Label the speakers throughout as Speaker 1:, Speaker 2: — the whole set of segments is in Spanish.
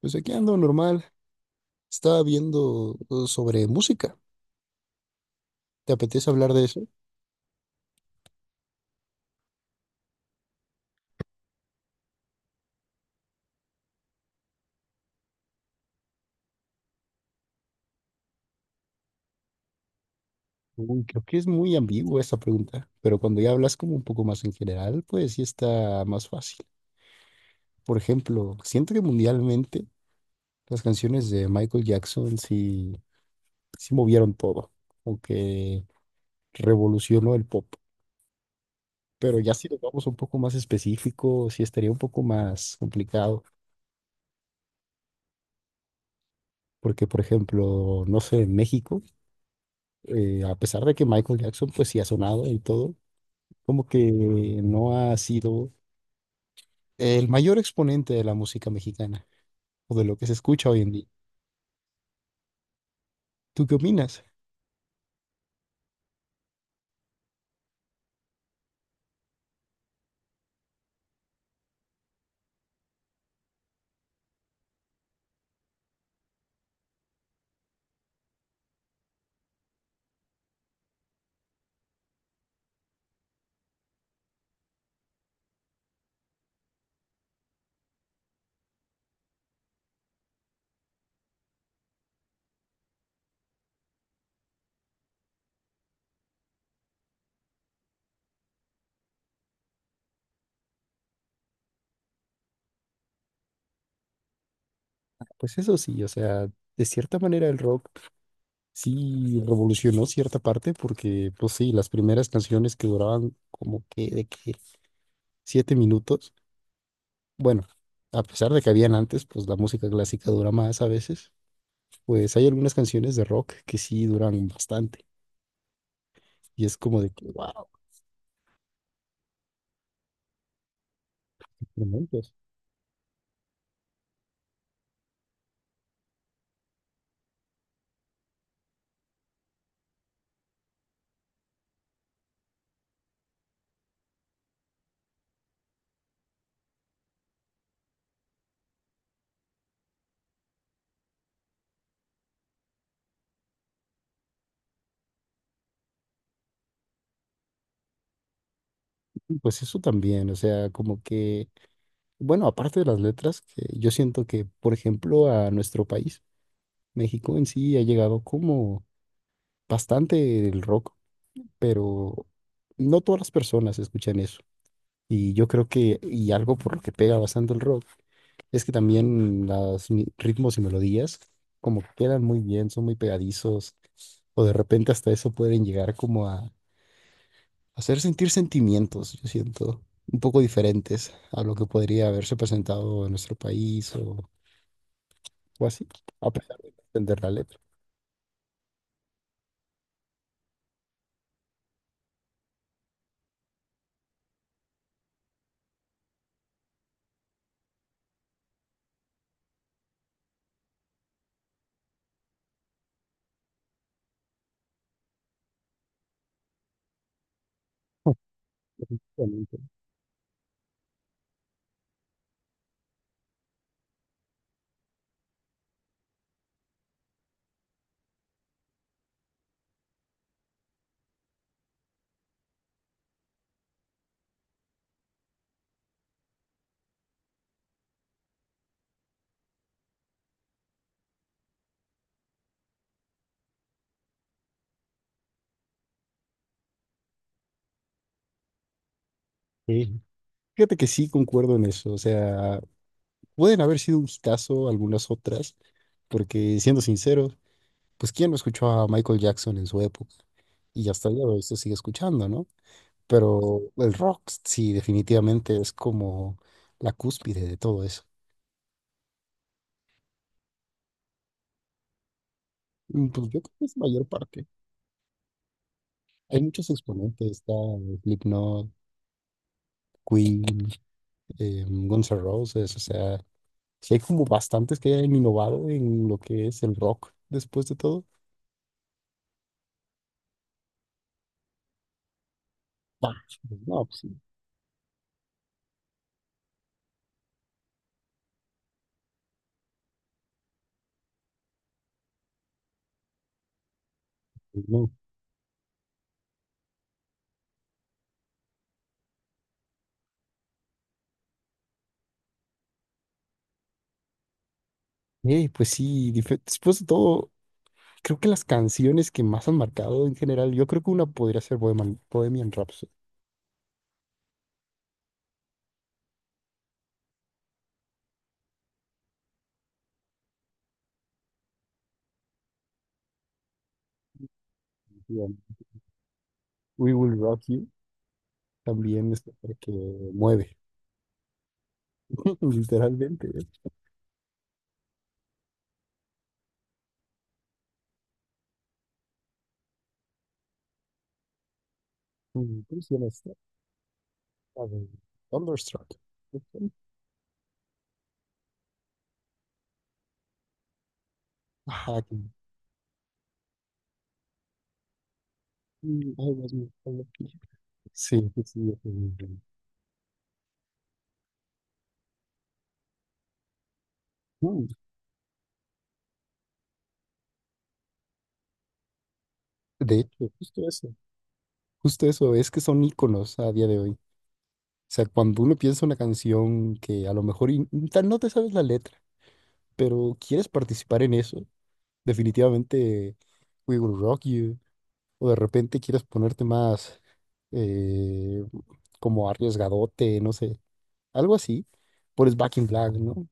Speaker 1: Pues aquí ando normal. Estaba viendo sobre música. ¿Te apetece hablar de eso? Uy, creo que es muy ambigua esta pregunta, pero cuando ya hablas como un poco más en general, pues sí está más fácil. Por ejemplo, siento que mundialmente las canciones de Michael Jackson sí movieron todo, aunque revolucionó el pop. Pero ya si nos vamos un poco más específico, sí estaría un poco más complicado. Porque, por ejemplo, no sé, en México, a pesar de que Michael Jackson pues sí ha sonado y todo, como que no ha sido el mayor exponente de la música mexicana o de lo que se escucha hoy en día. ¿Tú qué opinas? Pues eso sí, o sea, de cierta manera el rock sí revolucionó cierta parte porque, pues sí, las primeras canciones que duraban como que de que siete minutos, bueno, a pesar de que habían antes, pues la música clásica dura más a veces, pues hay algunas canciones de rock que sí duran bastante. Y es como de que wow, pues eso también, o sea, como que bueno, aparte de las letras, que yo siento que, por ejemplo, a nuestro país, México en sí, ha llegado como bastante el rock, pero no todas las personas escuchan eso. Y yo creo que, y algo por lo que pega bastante el rock, es que también los ritmos y melodías como que quedan muy bien, son muy pegadizos, o de repente hasta eso pueden llegar como a hacer sentir sentimientos, yo siento, un poco diferentes a lo que podría haberse presentado en nuestro país o así, a pesar de no entender la letra. Obviamente. Sí. Fíjate que sí concuerdo en eso, o sea, pueden haber sido un caso algunas otras, porque siendo sinceros, pues quién no escuchó a Michael Jackson en su época y hasta el día de hoy se sigue escuchando, ¿no? Pero el rock sí definitivamente es como la cúspide de todo eso. Mm, pues yo creo que es mayor parte. Hay muchos exponentes, está Slipknot, Queen, Guns N' Roses, o sea, sí, hay como bastantes que hayan innovado en lo que es el rock después de todo. Ah, no, pues sí, pues no. Pues sí, después de todo, creo que las canciones que más han marcado en general, yo creo que una podría ser Bohemian Rhapsody. Digamos. We Will Rock You también es otra que mueve, literalmente. ¿Eh? Mm, ¿cómo se llama esta? La de Thunderstruck. Ajá, Mm, I was made for loving you. Sí, sí, sí. Es muy bueno. Mm, de hecho, justo eso. Justo eso, es que son íconos a día de hoy. O sea, cuando uno piensa una canción que a lo mejor tal no te sabes la letra, pero quieres participar en eso, definitivamente We Will Rock You, o de repente quieres ponerte más eh, como arriesgadote, no sé, algo así, pones Back in Black, ¿no?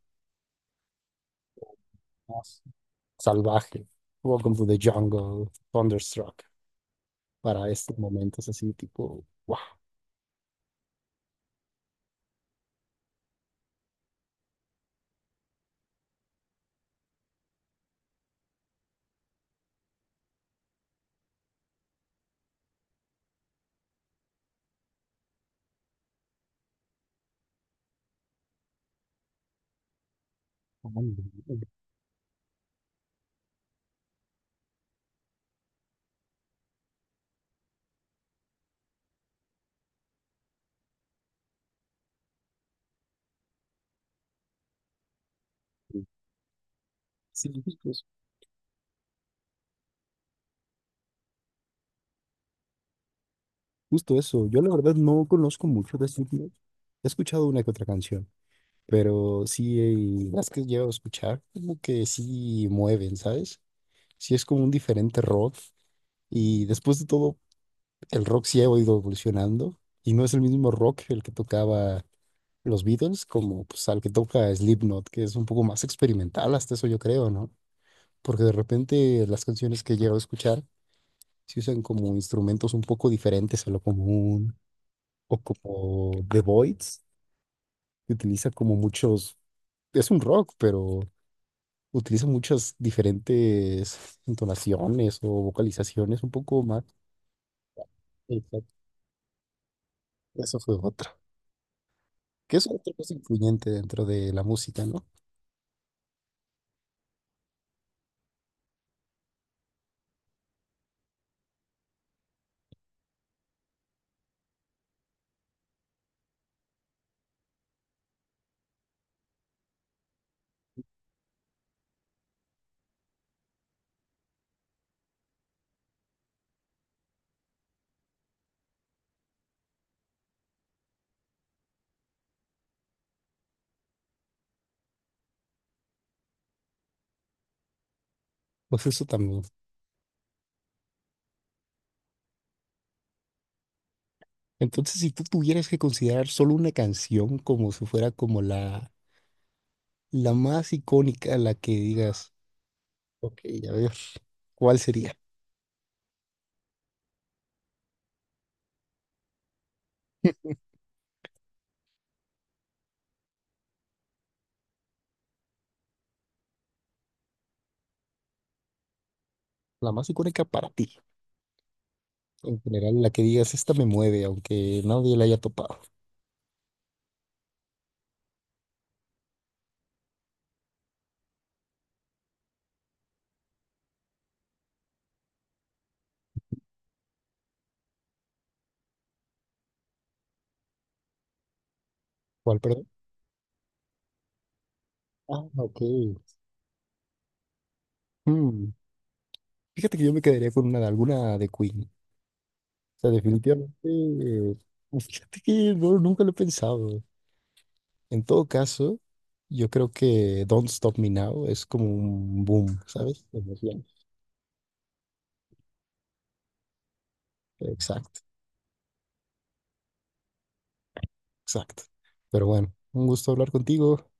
Speaker 1: Más salvaje, Welcome to the Jungle, Thunderstruck, para estos momentos así tipo, wow, justo eso, yo la verdad no conozco mucho de Slipknot. He escuchado una que otra canción, pero sí, las que llevo a escuchar, como que sí mueven, ¿sabes? Sí es como un diferente rock. Y después de todo, el rock sí ha ido evolucionando y no es el mismo rock el que tocaba los Beatles como pues al que toca Slipknot, que es un poco más experimental, hasta eso yo creo, ¿no? Porque de repente las canciones que llevo a escuchar se usan como instrumentos un poco diferentes a lo común. O como The Voids, que utiliza como muchos, es un rock, pero utiliza muchas diferentes entonaciones o vocalizaciones un poco más. Exacto. Eso fue otra. Que es otra cosa influyente dentro de la música, ¿no? Pues eso también. Entonces, si tú tuvieras que considerar solo una canción como si fuera como la más icónica, la que digas, ok, a ver, ¿cuál sería? La más icónica para ti. En general, la que digas, esta me mueve, aunque nadie la haya topado. ¿Cuál? Ah, ok. Mm. Fíjate que yo me quedaría con una alguna de Queen. O sea, definitivamente. Pues, fíjate que no, nunca lo he pensado. En todo caso, yo creo que Don't Stop Me Now es como un boom, ¿sabes? De emoción. Exacto, exacto. Pero bueno, un gusto hablar contigo.